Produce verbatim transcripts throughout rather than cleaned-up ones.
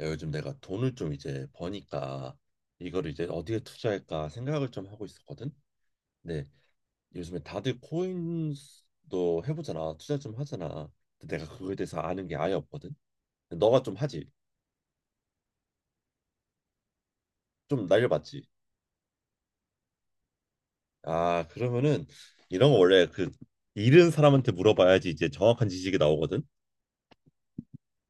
야, 요즘 내가 돈을 좀 이제 버니까 이거를 이제 어디에 투자할까 생각을 좀 하고 있었거든. 근데 요즘에 다들 코인도 해보잖아, 투자 좀 하잖아. 근데 내가 그거에 대해서 아는 게 아예 없거든. 근데 너가 좀 하지, 좀 날려봤지. 아 그러면은 이런 거 원래 그 잃은 사람한테 물어봐야지 이제 정확한 지식이 나오거든.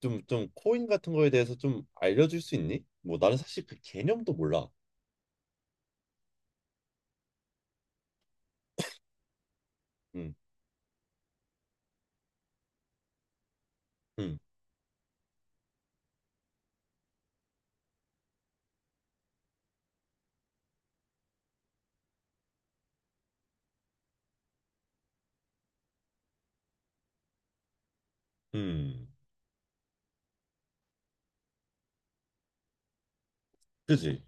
좀 좀 코인 같은 거에 대해서 좀 알려줄 수 있니? 뭐 나는 사실 그 개념도 몰라. 응. 응. 응. 그지?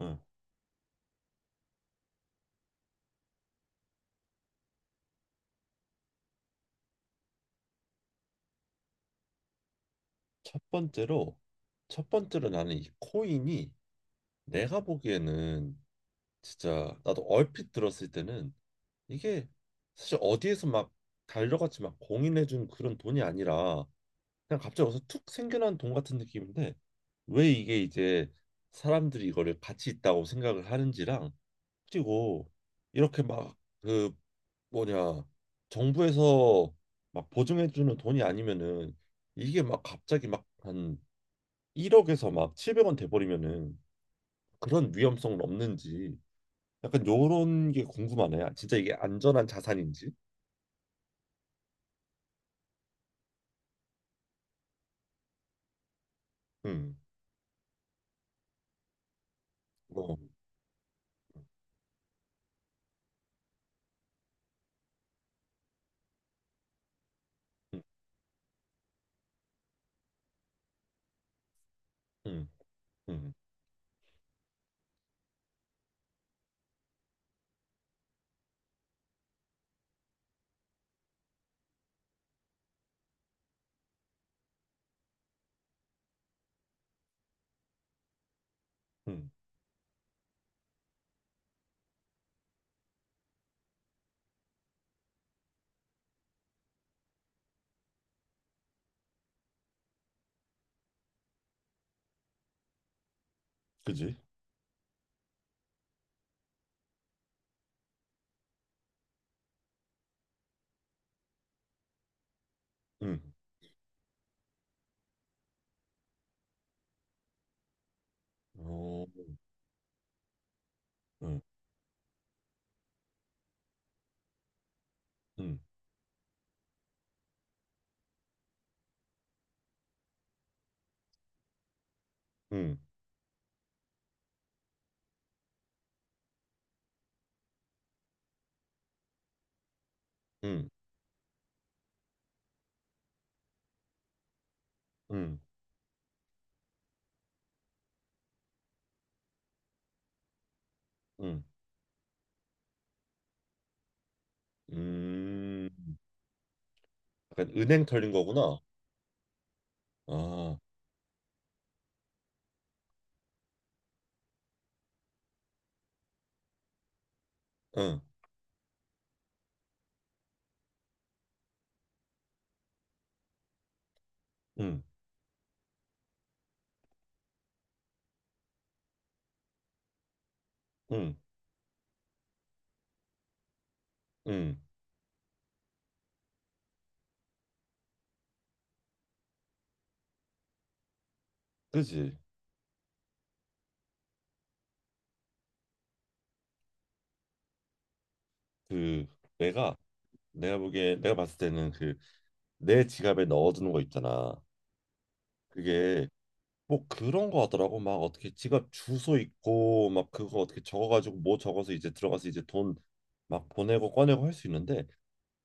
응. 첫 번째로 첫 번째로 나는 이 코인이 내가 보기에는 진짜 나도 얼핏 들었을 때는 이게 사실 어디에서 막 달려갔지 막 공인해준 그런 돈이 아니라 그냥 갑자기 어서툭 생겨난 돈 같은 느낌인데, 왜 이게 이제 사람들이 이거를 가치 있다고 생각을 하는지랑, 그리고 이렇게 막 그 뭐냐 정부에서 막 보증해주는 돈이 아니면은 이게 막 갑자기 막한 일 억에서 막 칠백 원 돼버리면은 그런 위험성은 없는지, 약간 요런 게 궁금하네. 진짜 이게 안전한 자산인지. 음. 어. 음. 음. 음. 음. 그지? 음. 어. 음. 음. 음. 음. 음. 음. 음. 약간 은행 털린 거구나. 아. 응. 응. 응. 응. 그지? 그 내가 내가 보기에 내가 봤을 때는 그 내 지갑에 넣어두는 거 있잖아. 그게 뭐 그런 거 하더라고. 막 어떻게 지갑 주소 있고 막 그거 어떻게 적어가지고 뭐 적어서 이제 들어가서 이제 돈 막 보내고 꺼내고 할 수 있는데,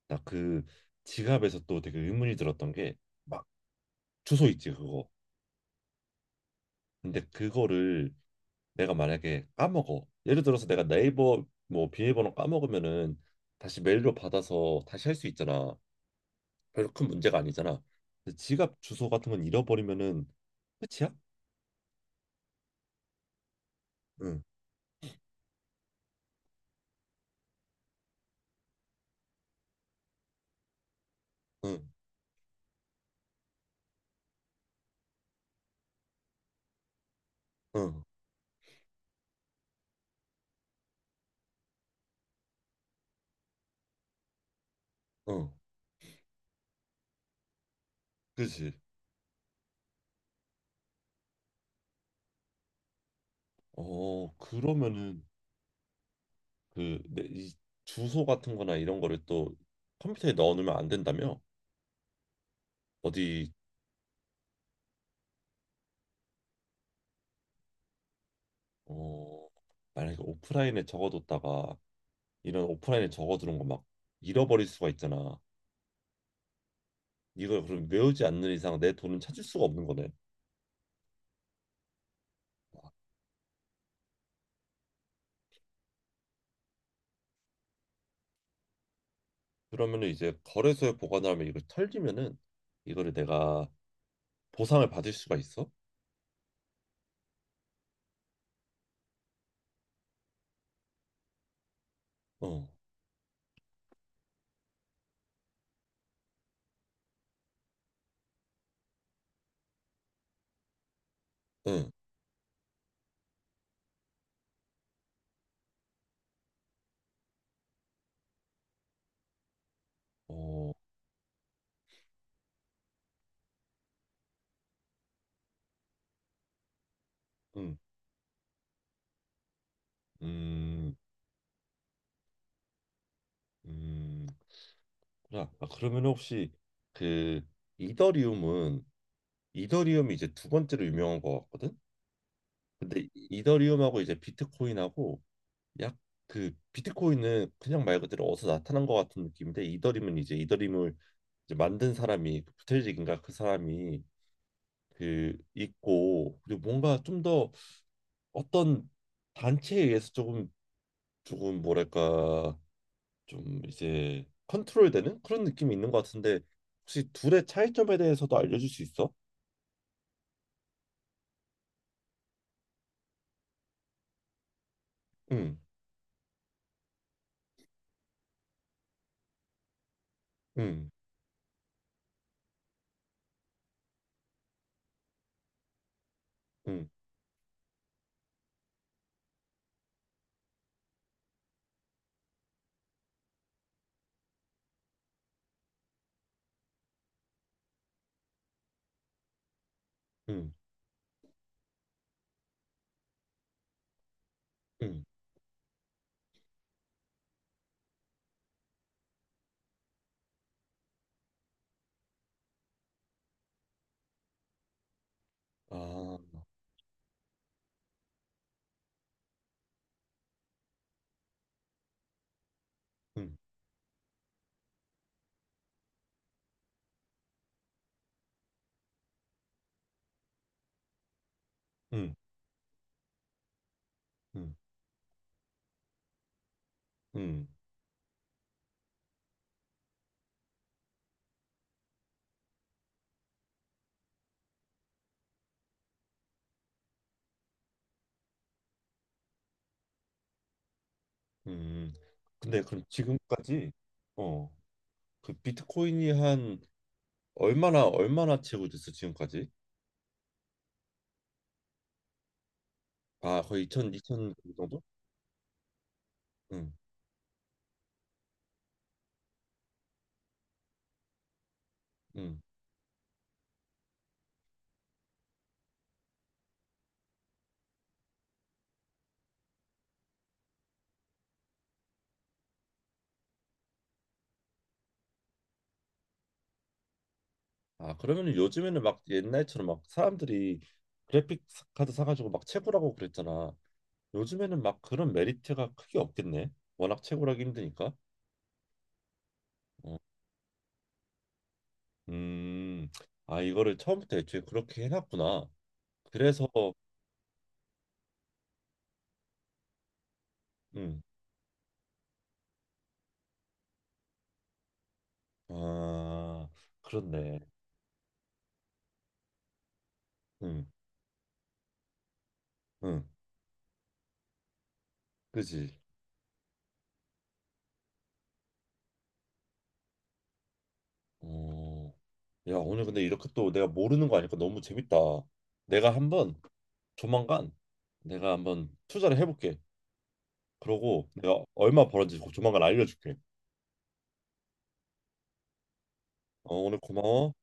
나 그 지갑에서 또 되게 의문이 들었던 게, 막 주소 있지 그거. 근데 그거를 내가 만약에 까먹어. 예를 들어서 내가 네이버 뭐 비밀번호 까먹으면은 다시 메일로 받아서 다시 할 수 있잖아. 별로 큰 문제가 아니잖아. 근데 지갑 주소 같은 건 잃어버리면은 끝이야? 응. 응. 응. 응. 그지. 어, 그러면은 그 내, 이 주소 같은 거나 이런 거를 또 컴퓨터에 넣어 놓으면 안 된다며? 어디, 어, 만약에 오프라인에 적어뒀다가, 이런 오프라인에 적어두는 거 막 잃어버릴 수가 있잖아. 이걸 그럼 외우지 않는 이상 내 돈은 찾을 수가 없는 거네. 그러면은 이제 거래소에 보관하면 이걸 털리면은 이거를 내가 보상을 받을 수가 있어? 어. 응. 어. 응. 음. 음. 아, 아, 그러면 혹시 그 이더리움은, 이더리움이 이제 두 번째로 유명한 것 같거든? 근데 이- 이더리움하고 이제 비트코인하고, 약 그 비트코인은 그냥 말 그대로 어디서 나타난 것 같은 느낌인데, 이더리움은 이제 이더리움을 이제 만든 사람이 그 부텔직인가 그 사람이 그 있고, 그리고 뭔가 좀 더 어떤 단체에 의해서 조금 조금 뭐랄까 좀 이제 컨트롤되는 그런 느낌이 있는 것 같은데, 혹시 둘의 차이점에 대해서도 알려줄 수 있어? 응. 응. 응. 응. 응. 아. 응. 응. 응. 응. 응. 근데 그럼 지금까지, 어, 그 비트코인이 한 얼마나 얼마나 채굴 됐어 지금까지? 아, 거의 이천, 이천 정도? 응. 응. 아, 그러면 요즘에는 막 옛날처럼 막 사람들이 그래픽 카드 사가지고 막 채굴하고 그랬잖아. 요즘에는 막 그런 메리트가 크게 없겠네. 워낙 채굴하기 힘드니까. 어. 음. 아, 이거를 처음부터 애초에 그렇게 해놨구나. 그래서, 음, 아, 그렇네. 음. 음. 그지. 어, 야, 오늘 근데 이렇게 또 내가 모르는 거 아니까 너무 재밌다. 내가 한번 조만간, 내가 한번 투자를 해볼게. 그러고 내가 얼마 벌었는지 그 조만간 알려줄게. 어, 오늘 고마워.